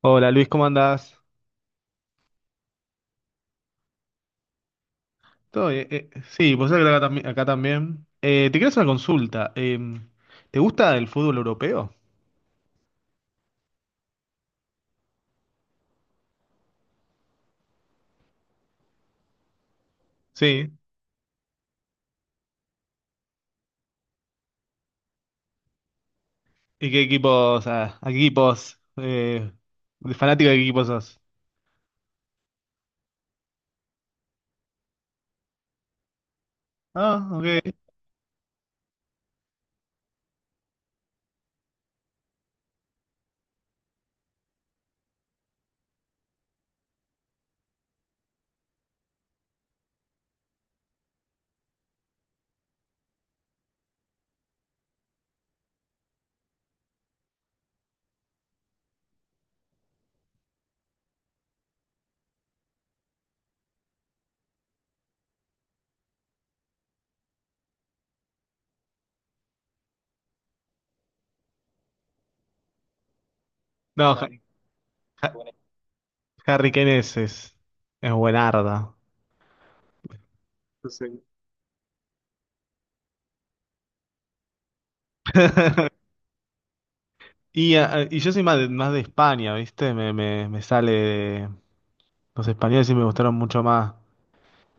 Hola Luis, ¿cómo andás? Todo bien. Sí, pues acá, acá también. Te quiero hacer una consulta. ¿Te gusta el fútbol europeo? Sí. ¿Y qué equipos, a qué equipos, de fanático de qué equipos sos? Ah, ok. No, Ha- Harry Kane es buenarda. Y, y yo soy más de España, ¿viste? Me sale los españoles y me gustaron mucho más.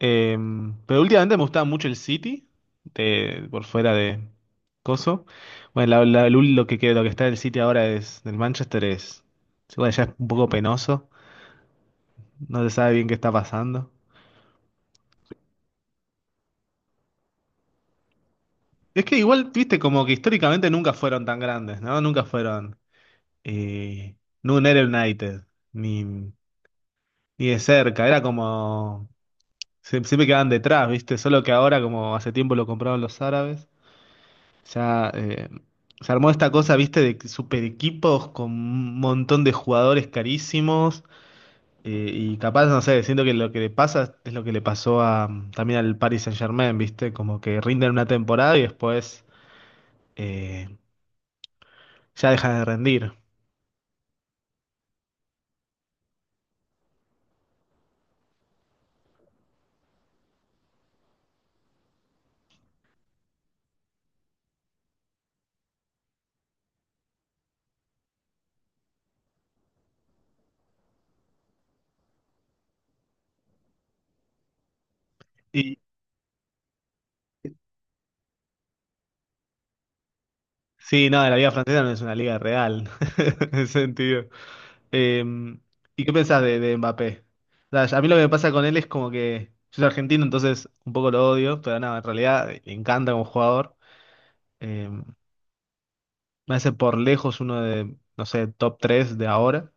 Pero últimamente me gustaba mucho el City, de, por fuera de Coso. Bueno, lo que, lo que está del City ahora es del Manchester es. Bueno, ya es un poco penoso. No se sabe bien qué está pasando. Es que igual, viste, como que históricamente nunca fueron tan grandes, ¿no? Nunca fueron. Eh, no, era United, ni de cerca. Era como siempre quedaban detrás, viste. Solo que ahora, como hace tiempo lo compraron los árabes. O sea, se armó esta cosa, viste, de super equipos con un montón de jugadores carísimos. Y capaz, no sé, siento que lo que le pasa es lo que le pasó a, también al Paris Saint-Germain, viste, como que rinden una temporada y después eh, ya dejan de rendir. Y sí, no, la liga francesa no es una liga real, en ese sentido. Eh, ¿Y qué pensás de Mbappé? O sea, a mí lo que me pasa con él es como que yo soy argentino, entonces un poco lo odio, pero nada, en realidad me encanta como jugador. Eh, Me hace por lejos uno de, no sé, top 3 de ahora,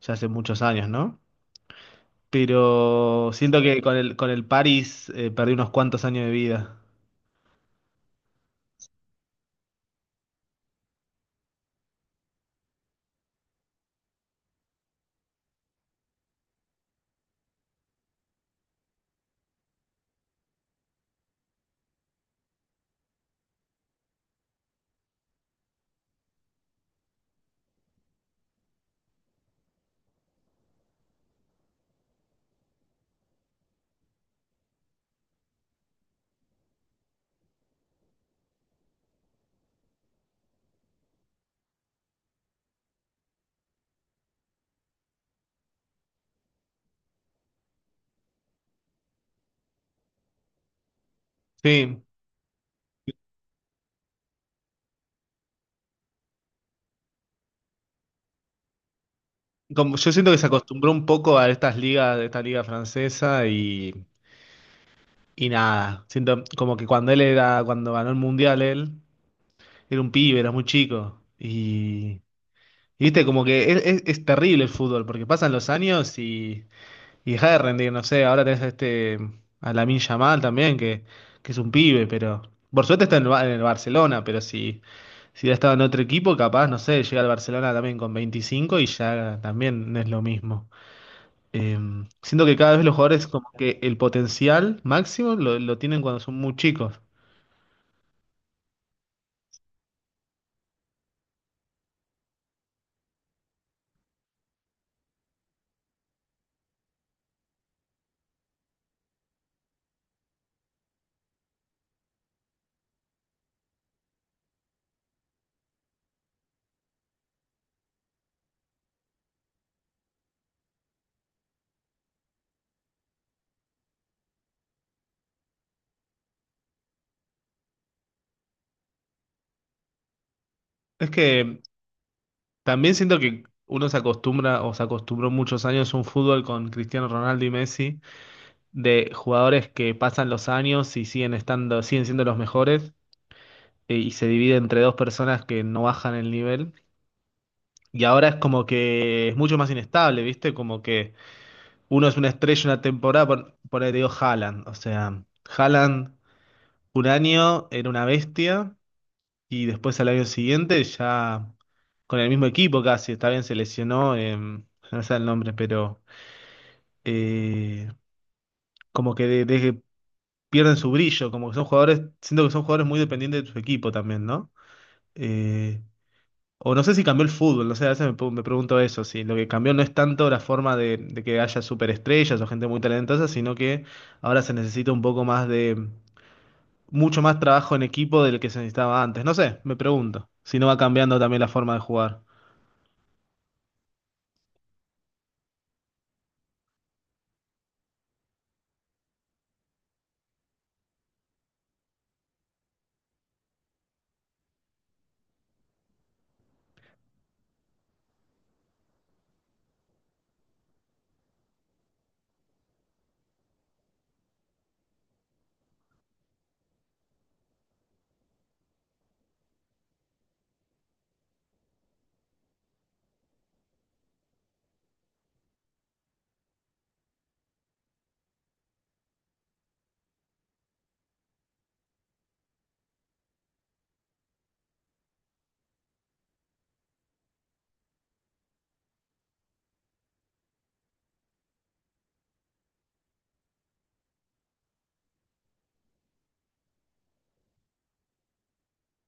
ya hace muchos años, ¿no? Pero siento que con el París perdí unos cuantos años de vida. Sí, como, yo siento que se acostumbró un poco a estas ligas, esta liga francesa y nada, siento como que cuando él era, cuando ganó el mundial él. Era un pibe, era muy chico. Y viste, como que es, es terrible el fútbol, porque pasan los años y deja de rendir, no sé, ahora tenés a este, a Lamine Yamal también, que es un pibe, pero por suerte está en el, en el Barcelona, pero si, si hubiera estado en otro equipo, capaz, no sé, llega al Barcelona también con 25 y ya también no es lo mismo. Eh, Siento que cada vez los jugadores como que el potencial máximo lo tienen cuando son muy chicos. Es que también siento que uno se acostumbra o se acostumbró muchos años a un fútbol con Cristiano Ronaldo y Messi, de jugadores que pasan los años y siguen estando, siguen siendo los mejores, y se divide entre dos personas que no bajan el nivel. Y ahora es como que es mucho más inestable, ¿viste? Como que uno es una estrella una temporada, por ahí te digo Haaland. O sea, Haaland un año era una bestia. Y después al año siguiente ya con el mismo equipo casi, está bien, se lesionó, no sé el nombre, pero eh, como que de que pierden su brillo, como que son jugadores, siento que son jugadores muy dependientes de su equipo también, ¿no? Eh, o no sé si cambió el fútbol, no sé, a veces me, me pregunto eso, si lo que cambió no es tanto la forma de que haya superestrellas o gente muy talentosa, sino que ahora se necesita un poco más de, mucho más trabajo en equipo del que se necesitaba antes, no sé, me pregunto, si no va cambiando también la forma de jugar.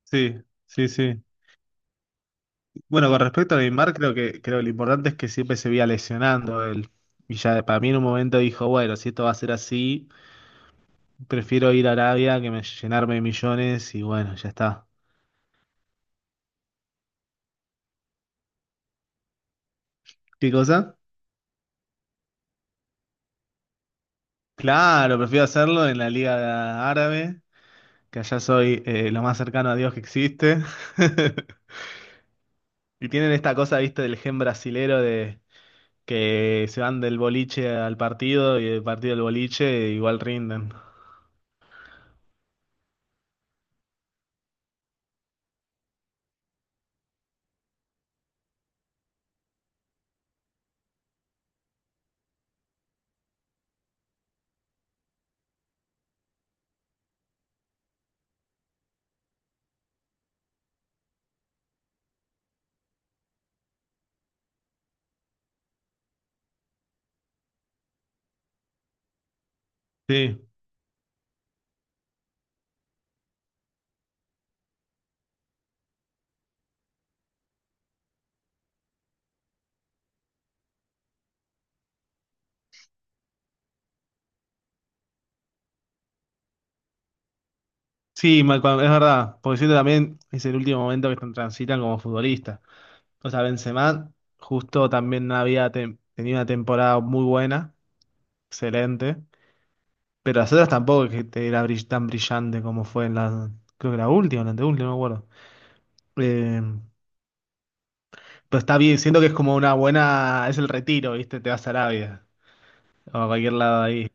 Sí, sí, sí. Bueno, con respecto a Neymar, creo que lo importante es que siempre se veía lesionando él. Y ya para mí en un momento dijo, bueno, si esto va a ser así, prefiero ir a Arabia que me, llenarme de millones y bueno, ya está. ¿Qué cosa? Claro, prefiero hacerlo en la Liga Árabe, que allá soy lo más cercano a Dios que existe. Y tienen esta cosa, viste, del gen brasilero de que se van del boliche al partido y del partido al boliche igual rinden. Sí. Sí, es verdad, porque siento también es el último momento que transitan como futbolista. O sea, Benzema justo también no había tenido una temporada muy buena, excelente, pero las otras tampoco es que era tan brillante como fue en la, creo que la última, o la anteúltima, no me acuerdo. Eh, pero está bien, siento que es como una buena, es el retiro, ¿viste? Te vas a Arabia o a cualquier lado ahí.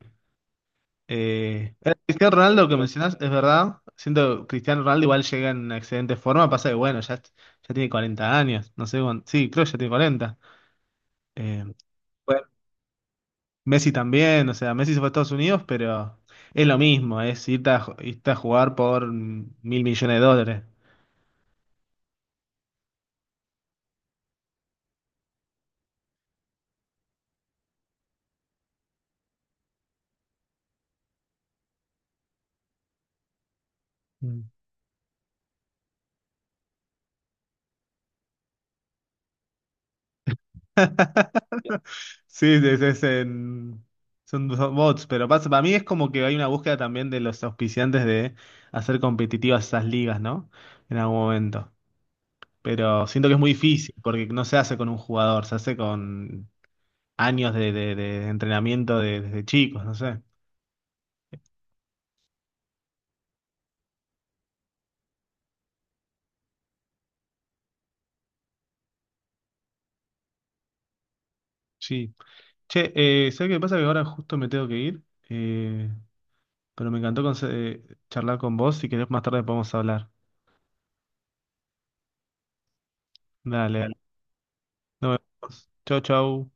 Cristiano Ronaldo que mencionás, es verdad. Siento que Cristiano Ronaldo igual llega en excelente forma. Pasa que, bueno, ya, ya tiene 40 años. No sé, cuán- sí, creo que ya tiene 40. Eh, bueno, Messi también. O sea, Messi se fue a Estados Unidos, pero es lo mismo. Es irte a, irte a jugar por 1.000 millones de dólares. Mm. Sí, es, son, son bots. Pero pasa, para mí es como que hay una búsqueda también de los auspiciantes de hacer competitivas esas ligas, ¿no? En algún momento. Pero siento que es muy difícil porque no se hace con un jugador, se hace con años de, de entrenamiento desde chicos, no sé. Sí. Che, ¿sabés qué pasa? Que ahora justo me tengo que ir, eh, pero me encantó charlar con vos. Si querés, más tarde podemos hablar. Dale, dale. Nos vemos. Chau, chau.